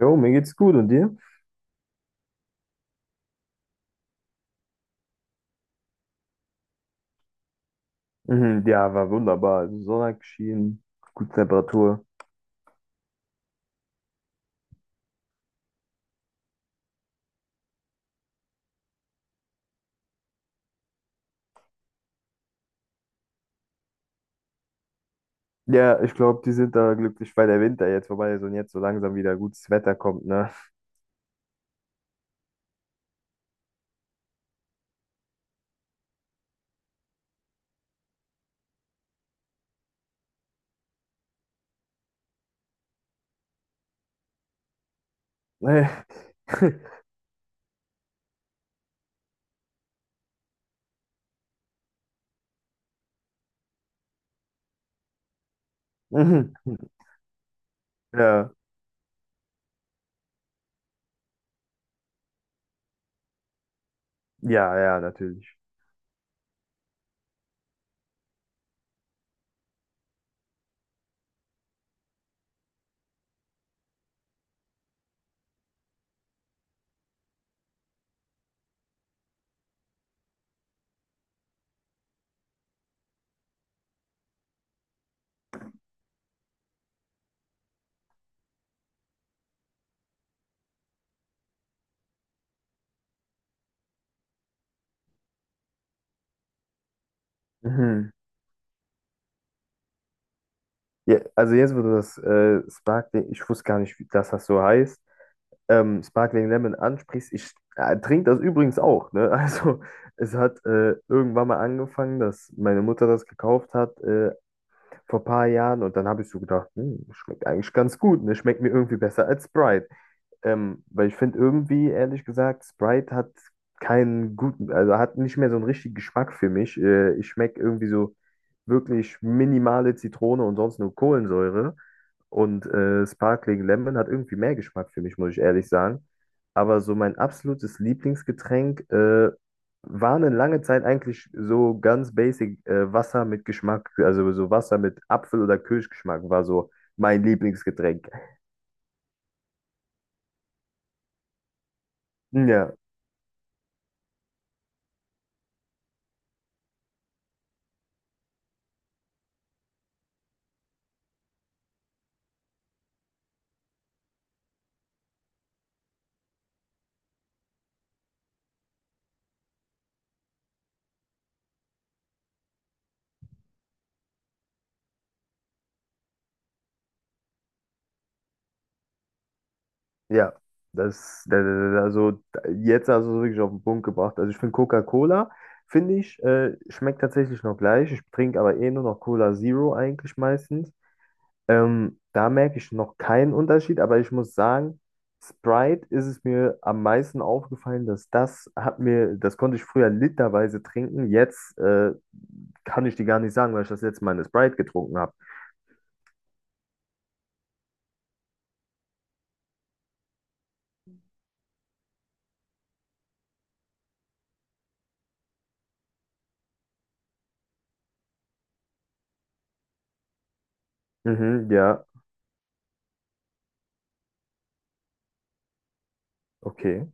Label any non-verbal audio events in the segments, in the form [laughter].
Jo, mir geht's gut und dir? Mhm, ja, war wunderbar. Also Sonne hat geschienen, gute Temperatur. Ja, ich glaube, die sind da glücklich, weil der Winter jetzt vorbei ist und jetzt so langsam wieder gutes Wetter kommt, ne? [laughs] Mhm. Ja, ja, natürlich. Mhm. Ja, also jetzt, wo du das Sparkling, ich wusste gar nicht, wie- dass das so heißt, Sparkling Lemon ansprichst, ich trinke das übrigens auch, ne? [laughs] Also es hat irgendwann mal angefangen, dass meine Mutter das gekauft hat, vor ein paar Jahren und dann habe ich so gedacht, hm, schmeckt eigentlich ganz gut, ne? Schmeckt mir irgendwie besser als Sprite. Weil ich finde irgendwie, ehrlich gesagt, Sprite hat keinen guten, also hat nicht mehr so einen richtigen Geschmack für mich. Ich schmecke irgendwie so wirklich minimale Zitrone und sonst nur Kohlensäure. Und Sparkling Lemon hat irgendwie mehr Geschmack für mich, muss ich ehrlich sagen. Aber so mein absolutes Lieblingsgetränk war eine lange Zeit eigentlich so ganz basic Wasser mit Geschmack. Also so Wasser mit Apfel- oder Kirschgeschmack war so mein Lieblingsgetränk. Ja, ja. Das, also jetzt hast du es wirklich auf den Punkt gebracht. Also ich finde Coca-Cola, finde ich, schmeckt tatsächlich noch gleich. Ich trinke aber eh nur noch Cola Zero eigentlich meistens. Da merke ich noch keinen Unterschied, aber ich muss sagen, Sprite ist es mir am meisten aufgefallen, dass das hat mir, das konnte ich früher literweise trinken. Jetzt kann ich die gar nicht sagen, weil ich das letzte Mal eine Sprite getrunken habe. Mhm, ja, okay.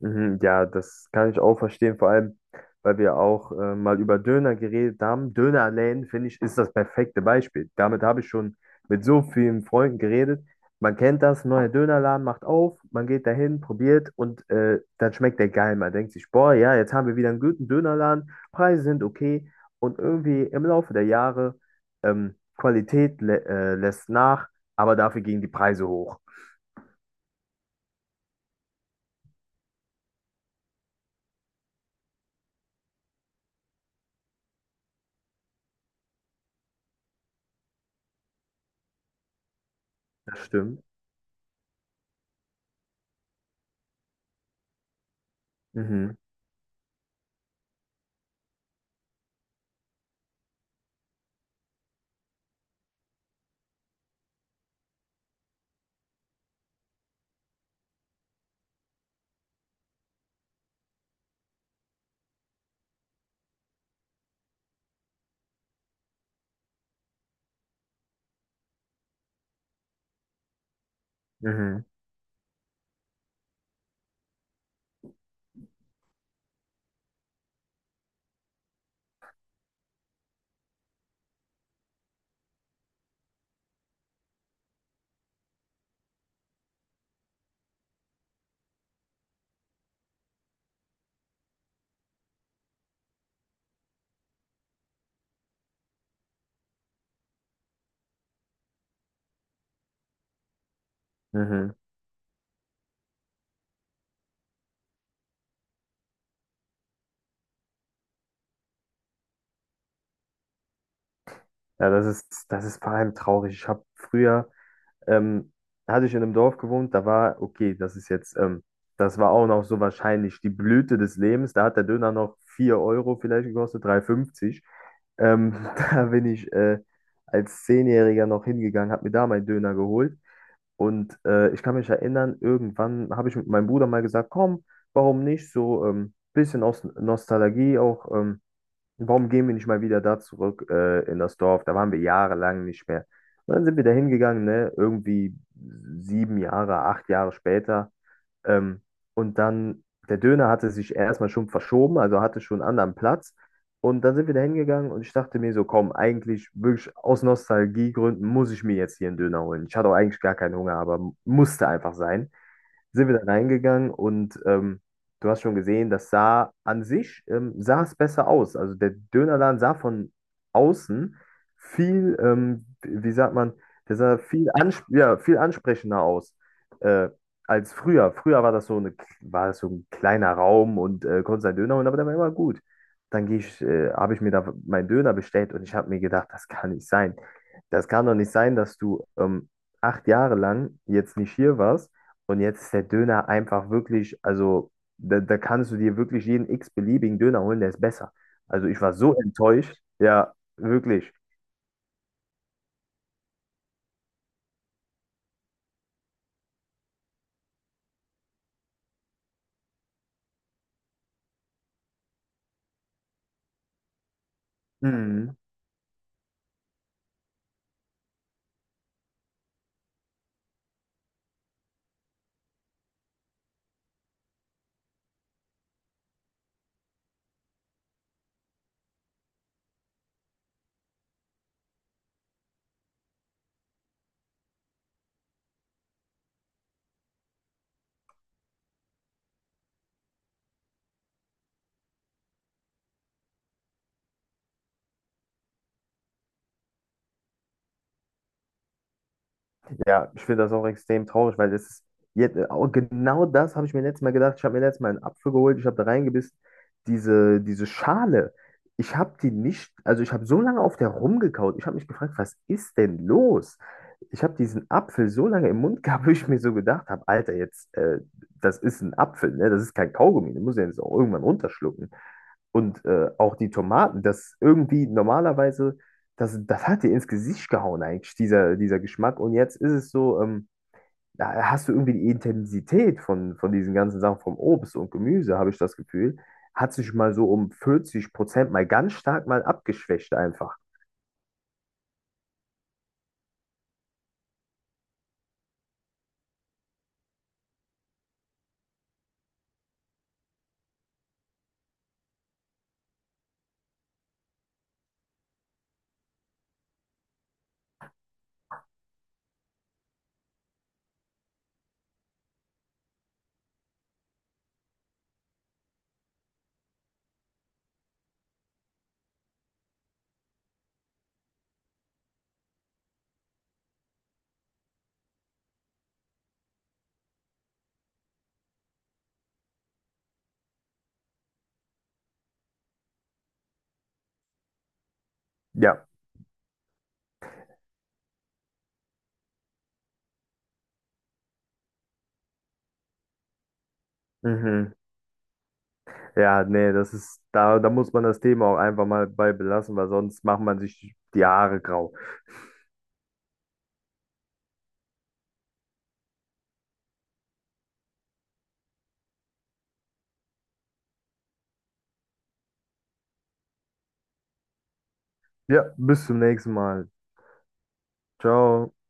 Mhm, ja, das kann ich auch verstehen, vor allem, weil wir auch mal über Döner geredet haben. Dönerläden, finde ich, ist das perfekte Beispiel. Damit habe ich schon mit so vielen Freunden geredet. Man kennt das, neuer Dönerladen macht auf, man geht dahin, probiert und dann schmeckt der geil. Man denkt sich, boah, ja, jetzt haben wir wieder einen guten Dönerladen, Preise sind okay und irgendwie im Laufe der Jahre Qualität lä lässt nach, aber dafür gingen die Preise hoch. Das stimmt. Mhm, mhm, mhm. Ja, das ist vor allem traurig. Ich habe früher, ähm, hatte ich in einem Dorf gewohnt, da war, okay, das ist jetzt, das war auch noch so wahrscheinlich die Blüte des Lebens. Da hat der Döner noch 4 Euro vielleicht gekostet, 3,50. Ähm, [laughs] da bin ich als Zehnjähriger noch hingegangen, habe mir da meinen Döner geholt. Und ich kann mich erinnern, irgendwann habe ich mit meinem Bruder mal gesagt, komm, warum nicht so ein bisschen aus Nostalgie auch. Warum gehen wir nicht mal wieder da zurück in das Dorf? Da waren wir jahrelang nicht mehr. Und dann sind wir da hingegangen, ne? Irgendwie sieben Jahre, acht Jahre später. Ähm, und dann, der Döner hatte sich erstmal schon verschoben, also hatte schon einen anderen Platz. Und dann sind wir da hingegangen und ich dachte mir so, komm, eigentlich wirklich aus Nostalgiegründen muss ich mir jetzt hier einen Döner holen. Ich hatte auch eigentlich gar keinen Hunger, aber musste einfach sein, sind wir da reingegangen und du hast schon gesehen, das sah an sich, sah es besser aus. Also der Dönerladen sah von außen viel, wie sagt man, der sah viel, ansp ja, viel ansprechender aus äh, als früher. Früher war das so ein kleiner Raum und konntest einen Döner holen, aber der war immer gut. Dann habe ich mir da meinen Döner bestellt und ich habe mir gedacht, das kann nicht sein. Das kann doch nicht sein, dass du acht Jahre lang jetzt nicht hier warst und jetzt ist der Döner einfach wirklich, also da, da kannst du dir wirklich jeden x-beliebigen Döner holen, der ist besser. Also ich war so enttäuscht. Ja, wirklich. Ja, ich finde das auch extrem traurig, weil das ist jetzt, auch genau das habe ich mir letztes Mal gedacht. Ich habe mir letztes Mal einen Apfel geholt, ich habe da reingebissen. Diese, diese Schale, ich habe die nicht, also ich habe so lange auf der rumgekaut. Ich habe mich gefragt, was ist denn los? Ich habe diesen Apfel so lange im Mund [laughs] gehabt, wo ich mir so gedacht habe, Alter, jetzt, das ist ein Apfel, ne? Das ist kein Kaugummi, du musst den jetzt auch irgendwann runterschlucken. Und auch die Tomaten, das irgendwie normalerweise, das, das hat dir ins Gesicht gehauen eigentlich, dieser, dieser Geschmack. Und jetzt ist es so, da hast du irgendwie die Intensität von diesen ganzen Sachen, vom Obst und Gemüse, habe ich das Gefühl, hat sich mal so um 40% mal ganz stark mal abgeschwächt einfach. Ja. Mhm. Ja, nee, das ist, da, da muss man das Thema auch einfach mal bei belassen, weil sonst macht man sich die Haare grau. Ja, bis zum nächsten Mal. Ciao.